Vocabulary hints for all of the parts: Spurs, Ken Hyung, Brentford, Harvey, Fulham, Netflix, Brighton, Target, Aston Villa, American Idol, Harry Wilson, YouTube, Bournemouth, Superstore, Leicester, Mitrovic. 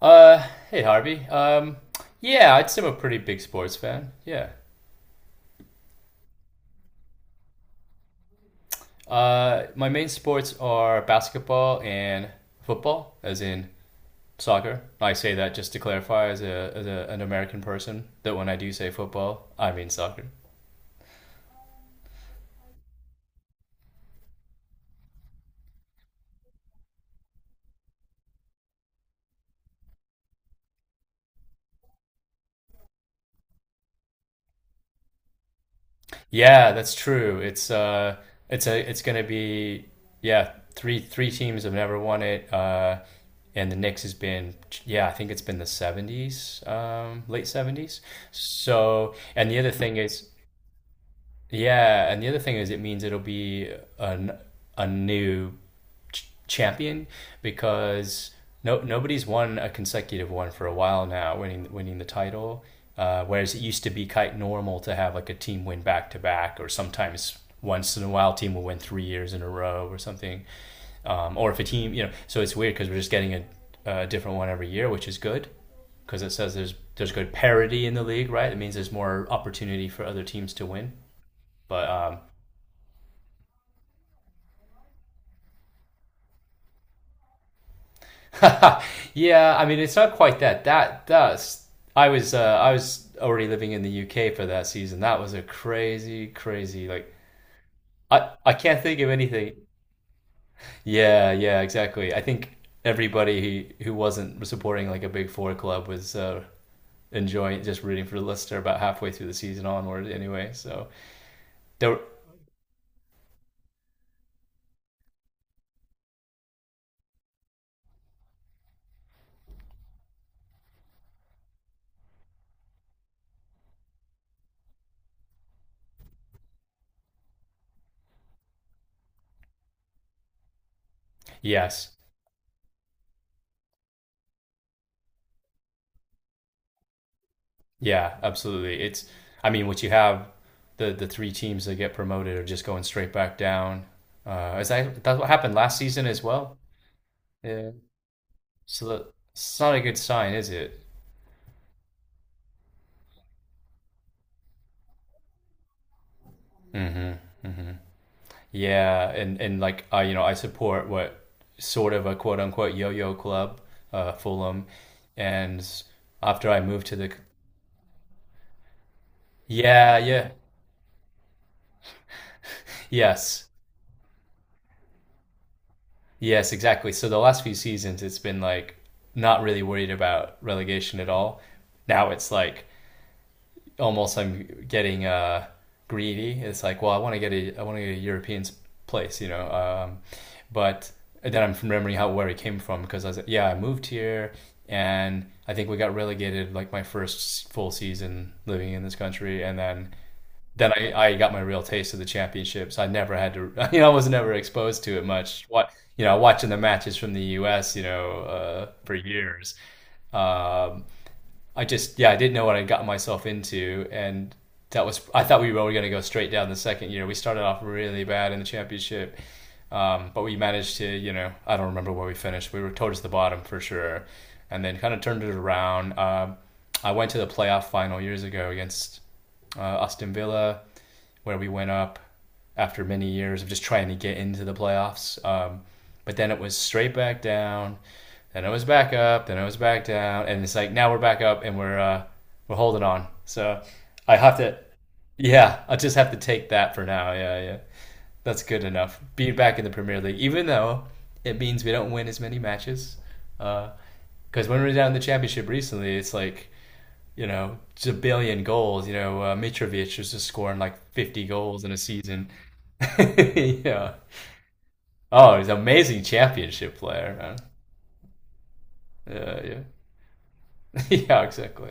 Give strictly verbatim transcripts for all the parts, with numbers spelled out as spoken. Uh, hey Harvey. Um, yeah, I'd say I'm a pretty big sports fan. Yeah. Uh, my main sports are basketball and football, as in soccer. I say that just to clarify, as a as a, an American person, that when I do say football, I mean soccer. Yeah, that's true. It's uh it's a it's gonna be yeah, three three teams have never won it. Uh and the Knicks has been yeah, I think it's been the seventies, um late seventies. So, and the other thing is yeah, and the other thing is it means it'll be an, a new ch- champion because no nobody's won a consecutive one for a while now, winning winning the title. Uh, whereas it used to be quite normal to have like a team win back to back, or sometimes once in a while team will win three years in a row or something. Um, or if a team, you know, so it's weird because we're just getting a, a different one every year, which is good because it says there's there's good parity in the league, right? It means there's more opportunity for other teams to win. But um, yeah, I mean, it's not quite that. That that's I was uh, I was already living in the U K for that season. That was a crazy, crazy like I I can't think of anything. Yeah, yeah, exactly. I think everybody who who wasn't supporting like a big four club was uh, enjoying just rooting for Leicester about halfway through the season onward. Anyway, so there. Yes, yeah, absolutely. It's, I mean, what you have the the three teams that get promoted are just going straight back down. Uh, is that that's what happened last season as well? Yeah. So that, it's not a good sign, is it? Yeah, and and like I, you know, I support what sort of a quote unquote yo-yo club, uh, Fulham, and after I moved to the, yeah, yeah, yes, yes, exactly. So the last few seasons, it's been like not really worried about relegation at all. Now it's like almost I'm getting uh, greedy. It's like, well, I want to get a I want to get a European place, you know. Um, but then I'm remembering how where it came from because I was like, yeah, I moved here and I think we got relegated like my first full season living in this country, and then then I, I got my real taste of the championships. I never had to, you know, I was never exposed to it much. What you know, watching the matches from the U S, you know, uh, for years. Um, I just yeah, I didn't know what I'd gotten myself into, and that was I thought we were going to go straight down the second year. We started off really bad in the championship, um, but we managed to you know I don't remember where we finished. We were towards the bottom for sure, and then kind of turned it around. Um I went to the playoff final years ago against uh, Austin Villa where we went up after many years of just trying to get into the playoffs. Um, but then it was straight back down, then it was back up, then it was back down, and it's like now we're back up and we're uh, we're holding on. So I have to, yeah, I just have to take that for now. Yeah, yeah, that's good enough. Being back in the Premier League, even though it means we don't win as many matches, because uh, when we were down in the Championship recently, it's like you know, zillion goals. You know, uh, Mitrovic was just scoring like fifty goals in a season. yeah. Oh, he's an amazing championship player, man. Yeah, yeah. yeah, exactly.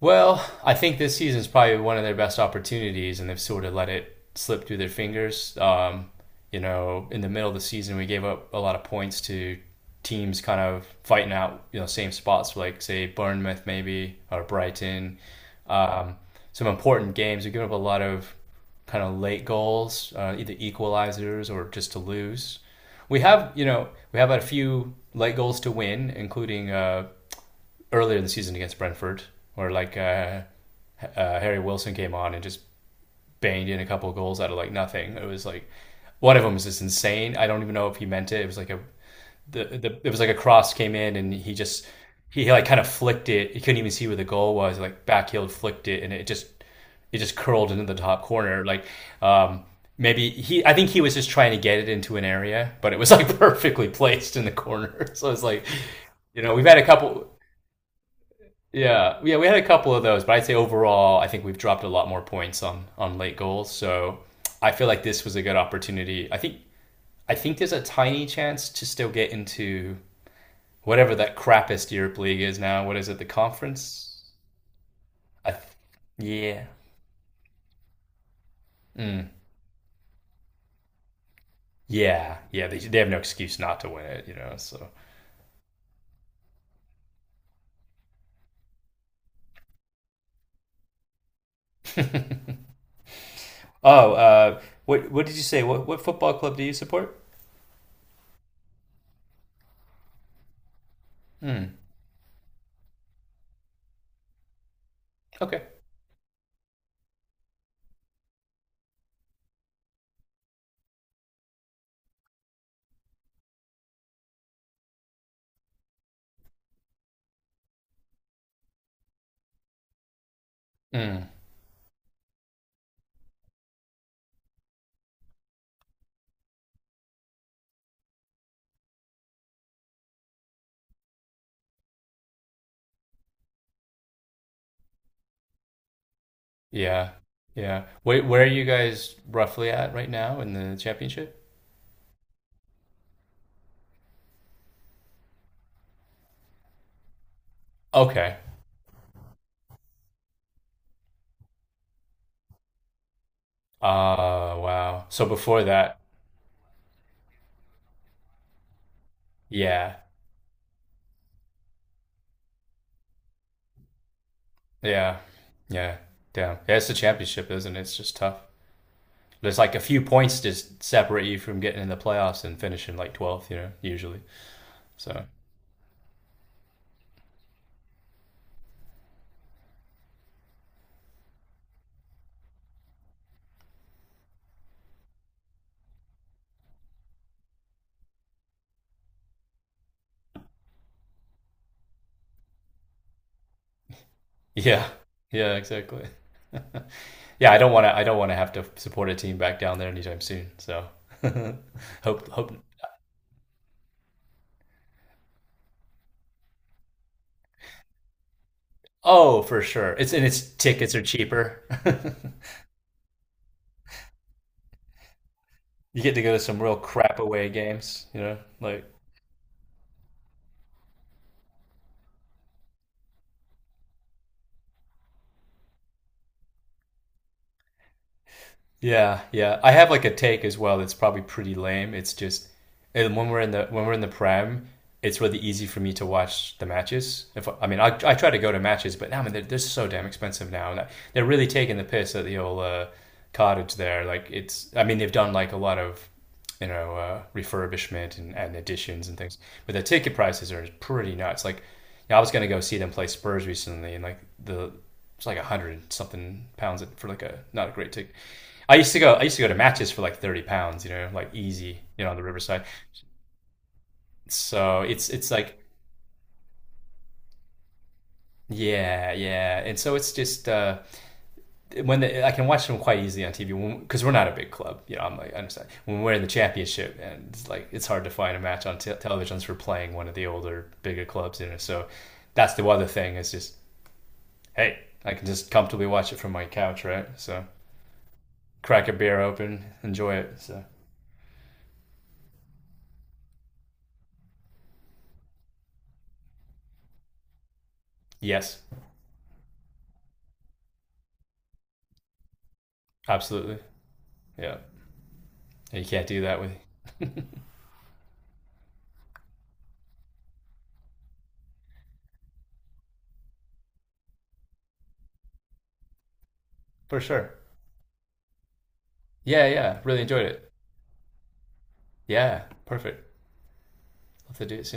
Well, I think this season is probably one of their best opportunities, and they've sort of let it slip through their fingers. Um, you know, in the middle of the season, we gave up a lot of points to teams kind of fighting out, you know, same spots like say Bournemouth maybe or Brighton. Um, some important games. We give up a lot of kind of late goals, uh, either equalizers or just to lose. We have, you know, we have a few late goals to win, including uh, earlier in the season against Brentford, where like uh, uh, Harry Wilson came on and just banged in a couple of goals out of like nothing. It was like one of them was just insane. I don't even know if he meant it. It was like a the, the it was like a cross came in and he just he like kind of flicked it. He couldn't even see where the goal was. Like backheeled, flicked it, and it just it just curled into the top corner. Like um, maybe he, I think he was just trying to get it into an area, but it was like perfectly placed in the corner. So it's like, you know, we've had a couple. Yeah, yeah, we had a couple of those, but I'd say overall, I think we've dropped a lot more points on on late goals. So I feel like this was a good opportunity. I think I think there's a tiny chance to still get into whatever that crappiest Europe League is now. What is it? The conference? I th- yeah, yeah, yeah. They they have no excuse not to win it, you know. So oh, uh, what what did you say? What what football club do you support? Hmm. Okay, hmm. Yeah, yeah. Wait, where are you guys roughly at right now in the championship? Okay. Uh, wow. So before that, yeah, yeah, yeah, damn. Yeah, it's the championship, isn't it? It's just tough. There's like a few points to s- separate you from getting in the playoffs and finishing like twelfth, you know, usually. So yeah, yeah, exactly. Yeah, I don't want to. I don't want to have to support a team back down there anytime soon. So hope, hope. Oh, for sure. It's and its tickets are cheaper. You get to go to some real crap away games, you know, like. Yeah, yeah. I have like a take as well that's probably pretty lame. It's just and when we're in the when we're in the prem, it's really easy for me to watch the matches. If I mean, I, I try to go to matches, but now I mean, they're, they're so damn expensive now. And they're really taking the piss at the old uh, cottage there. Like it's, I mean, they've done like a lot of you know uh, refurbishment and, and additions and things, but the ticket prices are pretty nuts. Like, yeah, I was gonna go see them play Spurs recently, and like the it's like a hundred something pounds for like a not a great ticket. I used to go. I used to go to matches for like thirty pounds. You know, like easy. You know, on the Riverside. So it's it's like yeah, yeah. And so it's just uh, when the, I can watch them quite easily on T V because we're not a big club. You know, I'm like I understand when we're in the championship and it's like it's hard to find a match on te- television for playing one of the older bigger clubs. You know, so that's the other thing is just hey, I can just comfortably watch it from my couch, right? So crack a beer open, enjoy it. So yes, absolutely, yeah. You can't do that with for sure. Yeah, yeah. Really enjoyed it. Yeah, perfect. Love to do it soon.